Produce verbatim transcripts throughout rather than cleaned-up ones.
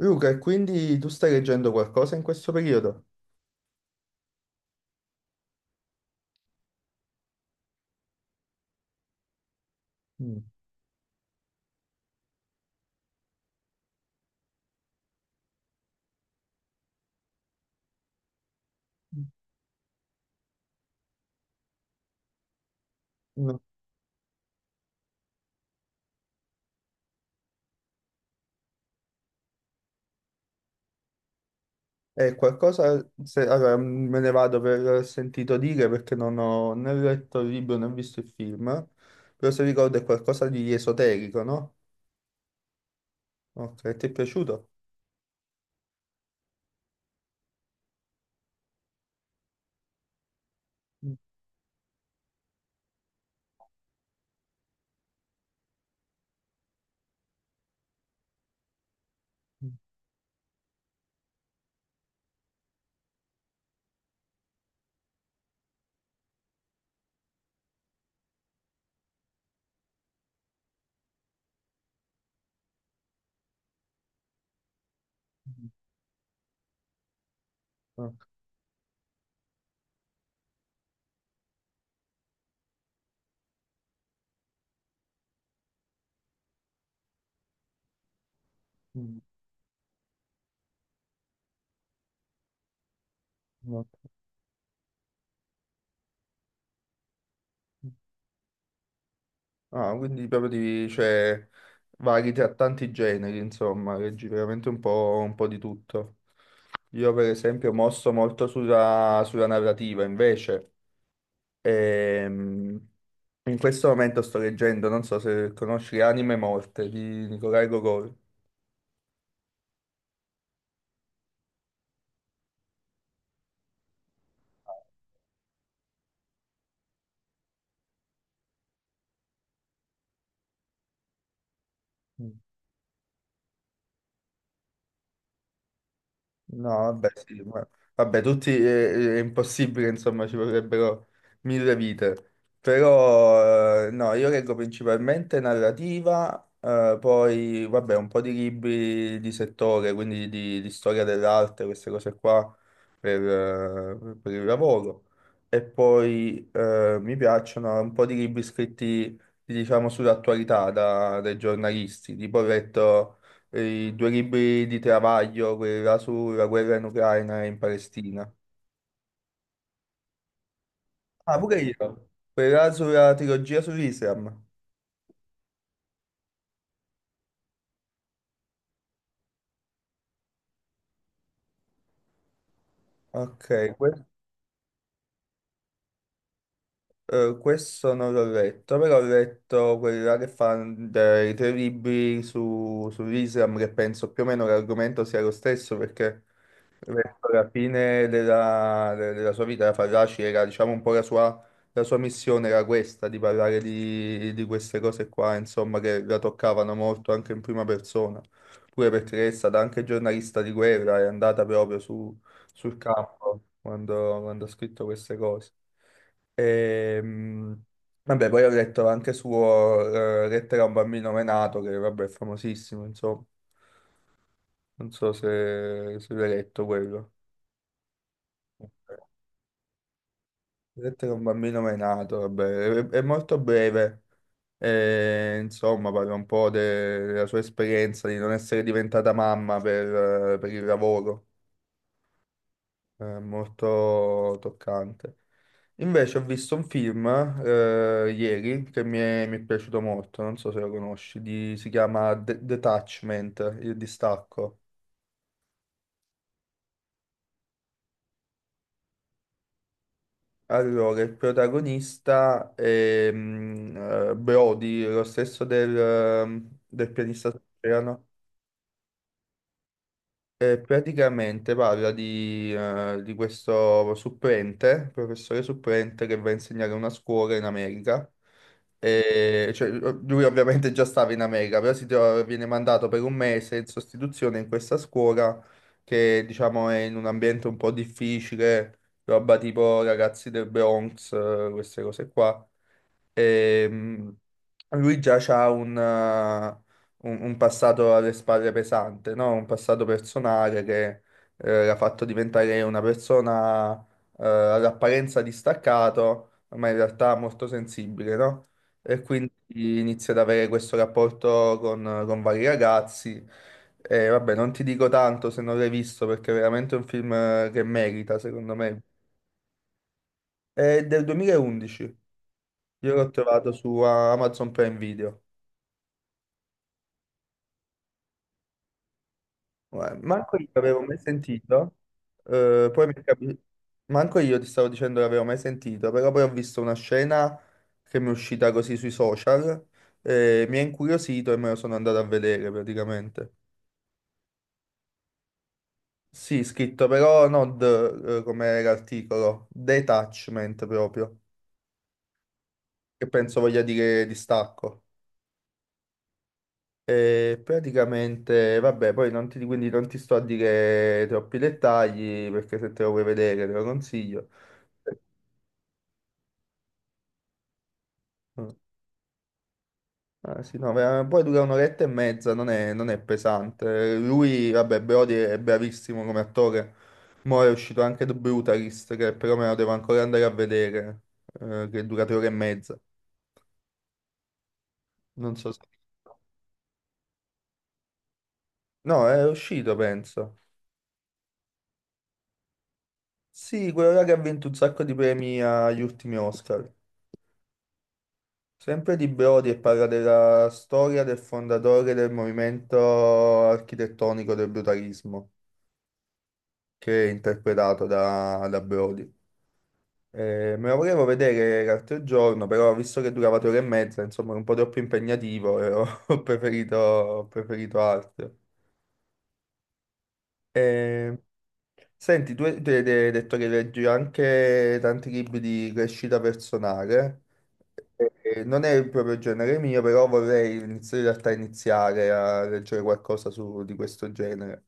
Luca, e quindi tu stai leggendo qualcosa in questo periodo? Mm. No. Eh, qualcosa, se- allora, mm, me ne vado per eh, sentito dire perché non ho né letto il libro né visto il film, però se ricordo è qualcosa di esoterico, no? Ok, ti è piaciuto? Mm, mm, mm. Ok, mm, ok. Ah, quindi proprio di, cioè, vari tra tanti generi, insomma, leggi veramente un po', un po' di tutto. Io per esempio mosso molto sulla, sulla narrativa, invece. Ehm, In questo momento sto leggendo, non so se conosci Anime Morte di Nikolai Gogol. No, vabbè, sì, ma- vabbè, tutti eh, è, impossibile, insomma, ci vorrebbero mille vite. Però, eh, no, io leggo principalmente narrativa, eh, poi, vabbè, un po' di libri di settore, quindi di, di storia dell'arte, queste cose qua, per, eh, per il lavoro. E poi eh, mi piacciono un po' di libri scritti, diciamo, sull'attualità da- dai giornalisti, tipo ho letto e i due libri di Travaglio, quella sulla guerra in Ucraina e in Palestina. Ah, pure io. Quella sulla trilogia sull'Islam. Ok, que- eh, Questo non l'ho letto, però ho letto quella che fa dei tre libri su- sull'Islam, che penso più o meno l'argomento sia lo stesso, perché verso la fine della, de- della sua vita, Farraci era, diciamo, un po' la sua, la sua missione era questa, di parlare di, di queste cose qua, insomma, che la toccavano molto anche in prima persona, pure perché è stata anche giornalista di guerra, è andata proprio su- sul campo quando, quando ha scritto queste cose. Ehm, Vabbè, poi ho letto anche suo eh, Lettera a un bambino menato, che vabbè, è famosissimo, insomma, non so se, se l'hai letto quello. Vedete che un bambino mai nato, vabbè, è, è molto breve. E, insomma, parla un po' de- della sua esperienza di non essere diventata mamma per, per il lavoro. È molto toccante. Invece ho visto un film eh, ieri che mi è, mi è piaciuto molto, non so se lo conosci, di- si chiama De- Detachment, il distacco. Allora, il protagonista è mm, eh, Brody, lo stesso del, ehm, del pianista. E praticamente parla di, eh, di questo supplente, professore supplente che va a insegnare a una scuola in America. E, cioè, lui ovviamente già stava in America, però si trova- viene mandato per un mese in sostituzione in questa scuola che diciamo è in un ambiente un po' difficile, roba tipo ragazzi del Bronx, eh, queste cose qua. Ehm, Lui già ha un, eh, un- un passato alle spalle pesante, no? Un passato personale che eh, l'ha fatto diventare una persona eh, all'apparenza distaccato, ma in realtà molto sensibile, no? E quindi inizia ad avere questo rapporto con, con vari ragazzi. E vabbè, non ti dico tanto se non l'hai visto perché è veramente un film eh, che merita, secondo me. È del duemilaundici. Io l'ho trovato su Amazon Prime Video. Guarda, Manco io l'avevo mai sentito. Eh, poi mi è capi- Manco io ti stavo dicendo che l'avevo mai sentito, però poi ho visto una scena che mi è uscita così sui social, eh, mi ha incuriosito e me lo sono andato a vedere praticamente. Sì, scritto però non d- eh, come era l'articolo, detachment proprio, che penso voglia dire distacco. E praticamente, vabbè, poi non ti, quindi non ti sto a dire troppi dettagli perché se te lo vuoi vedere te lo consiglio. No, ah, sì, no, vera- poi dura un'oretta e mezza, non è, non è pesante. Lui, vabbè, Brody è bravissimo come attore. Mo' è uscito anche The Brutalist, che però me lo devo ancora andare a vedere, eh, che dura tre ore e mezza. Non so se... No, è uscito, penso. Sì, quello là che ha vinto un sacco di premi agli ultimi Oscar. Sempre di Brodi e parla della storia del fondatore del movimento architettonico del brutalismo, che è interpretato da, da Brodi. Eh, me lo volevo vedere l'altro giorno, però visto che durava tre ore e mezza, insomma, è un po' troppo impegnativo e ho, ho preferito, ho preferito altro. Eh, Senti, tu hai tu hai detto che leggi anche tanti libri di crescita personale. Eh, non è proprio il genere mio, però vorrei inizi- in realtà iniziare a leggere qualcosa su- di questo genere.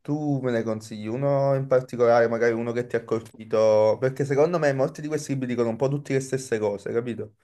Tu me ne consigli uno in particolare, magari uno che ti ha colpito, perché secondo me molti di questi libri dicono un po' tutte le stesse cose, capito?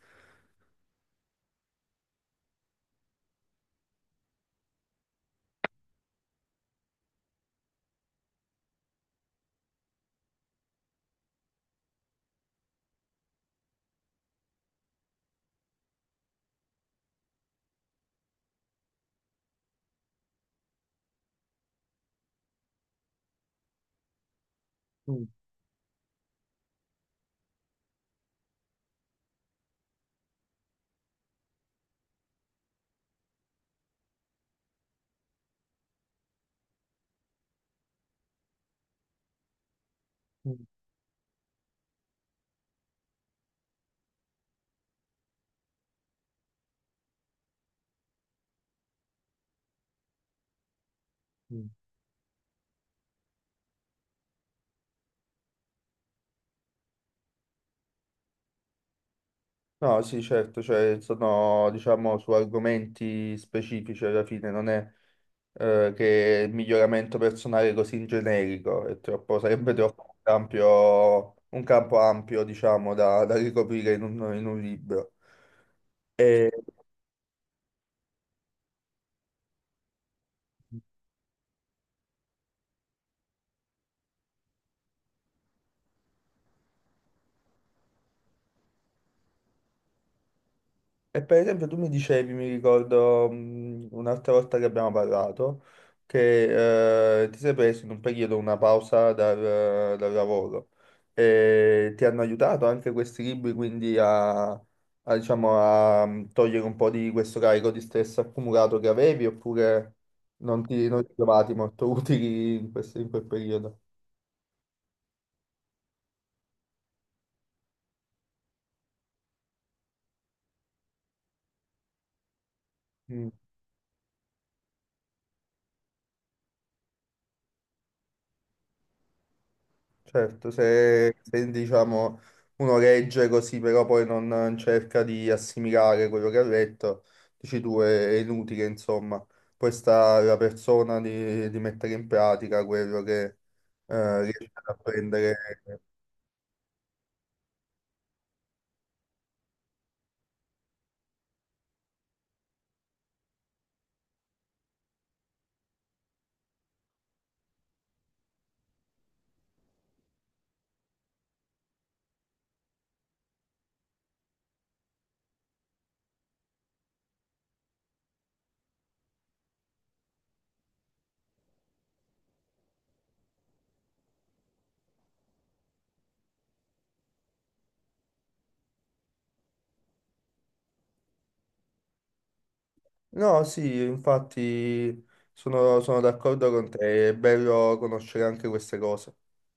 Mm, mm, mm. No, sì, certo, cioè sono, diciamo, su argomenti specifici alla fine, non è eh, che il miglioramento personale è così in generico, è troppo, sarebbe troppo ampio, un campo ampio, diciamo, da, da ricoprire in un, in un libro. E, E per esempio tu mi dicevi, mi ricordo mh, un'altra volta che abbiamo parlato, che eh, ti sei preso in un periodo una pausa dal, dal lavoro e ti hanno aiutato anche questi libri quindi a, a, diciamo, a mh, togliere un po' di questo carico di stress accumulato che avevi oppure non ti, non ti trovati molto utili in questo- in quel periodo? Mm. Certo, se, se, diciamo uno legge così, però poi non cerca di assimilare quello che ha letto, dici tu è, è inutile, insomma. Poi sta la persona di, di mettere in pratica quello che eh, riesce ad apprendere. No, sì, infatti sono sono d'accordo con te, è bello conoscere anche queste cose.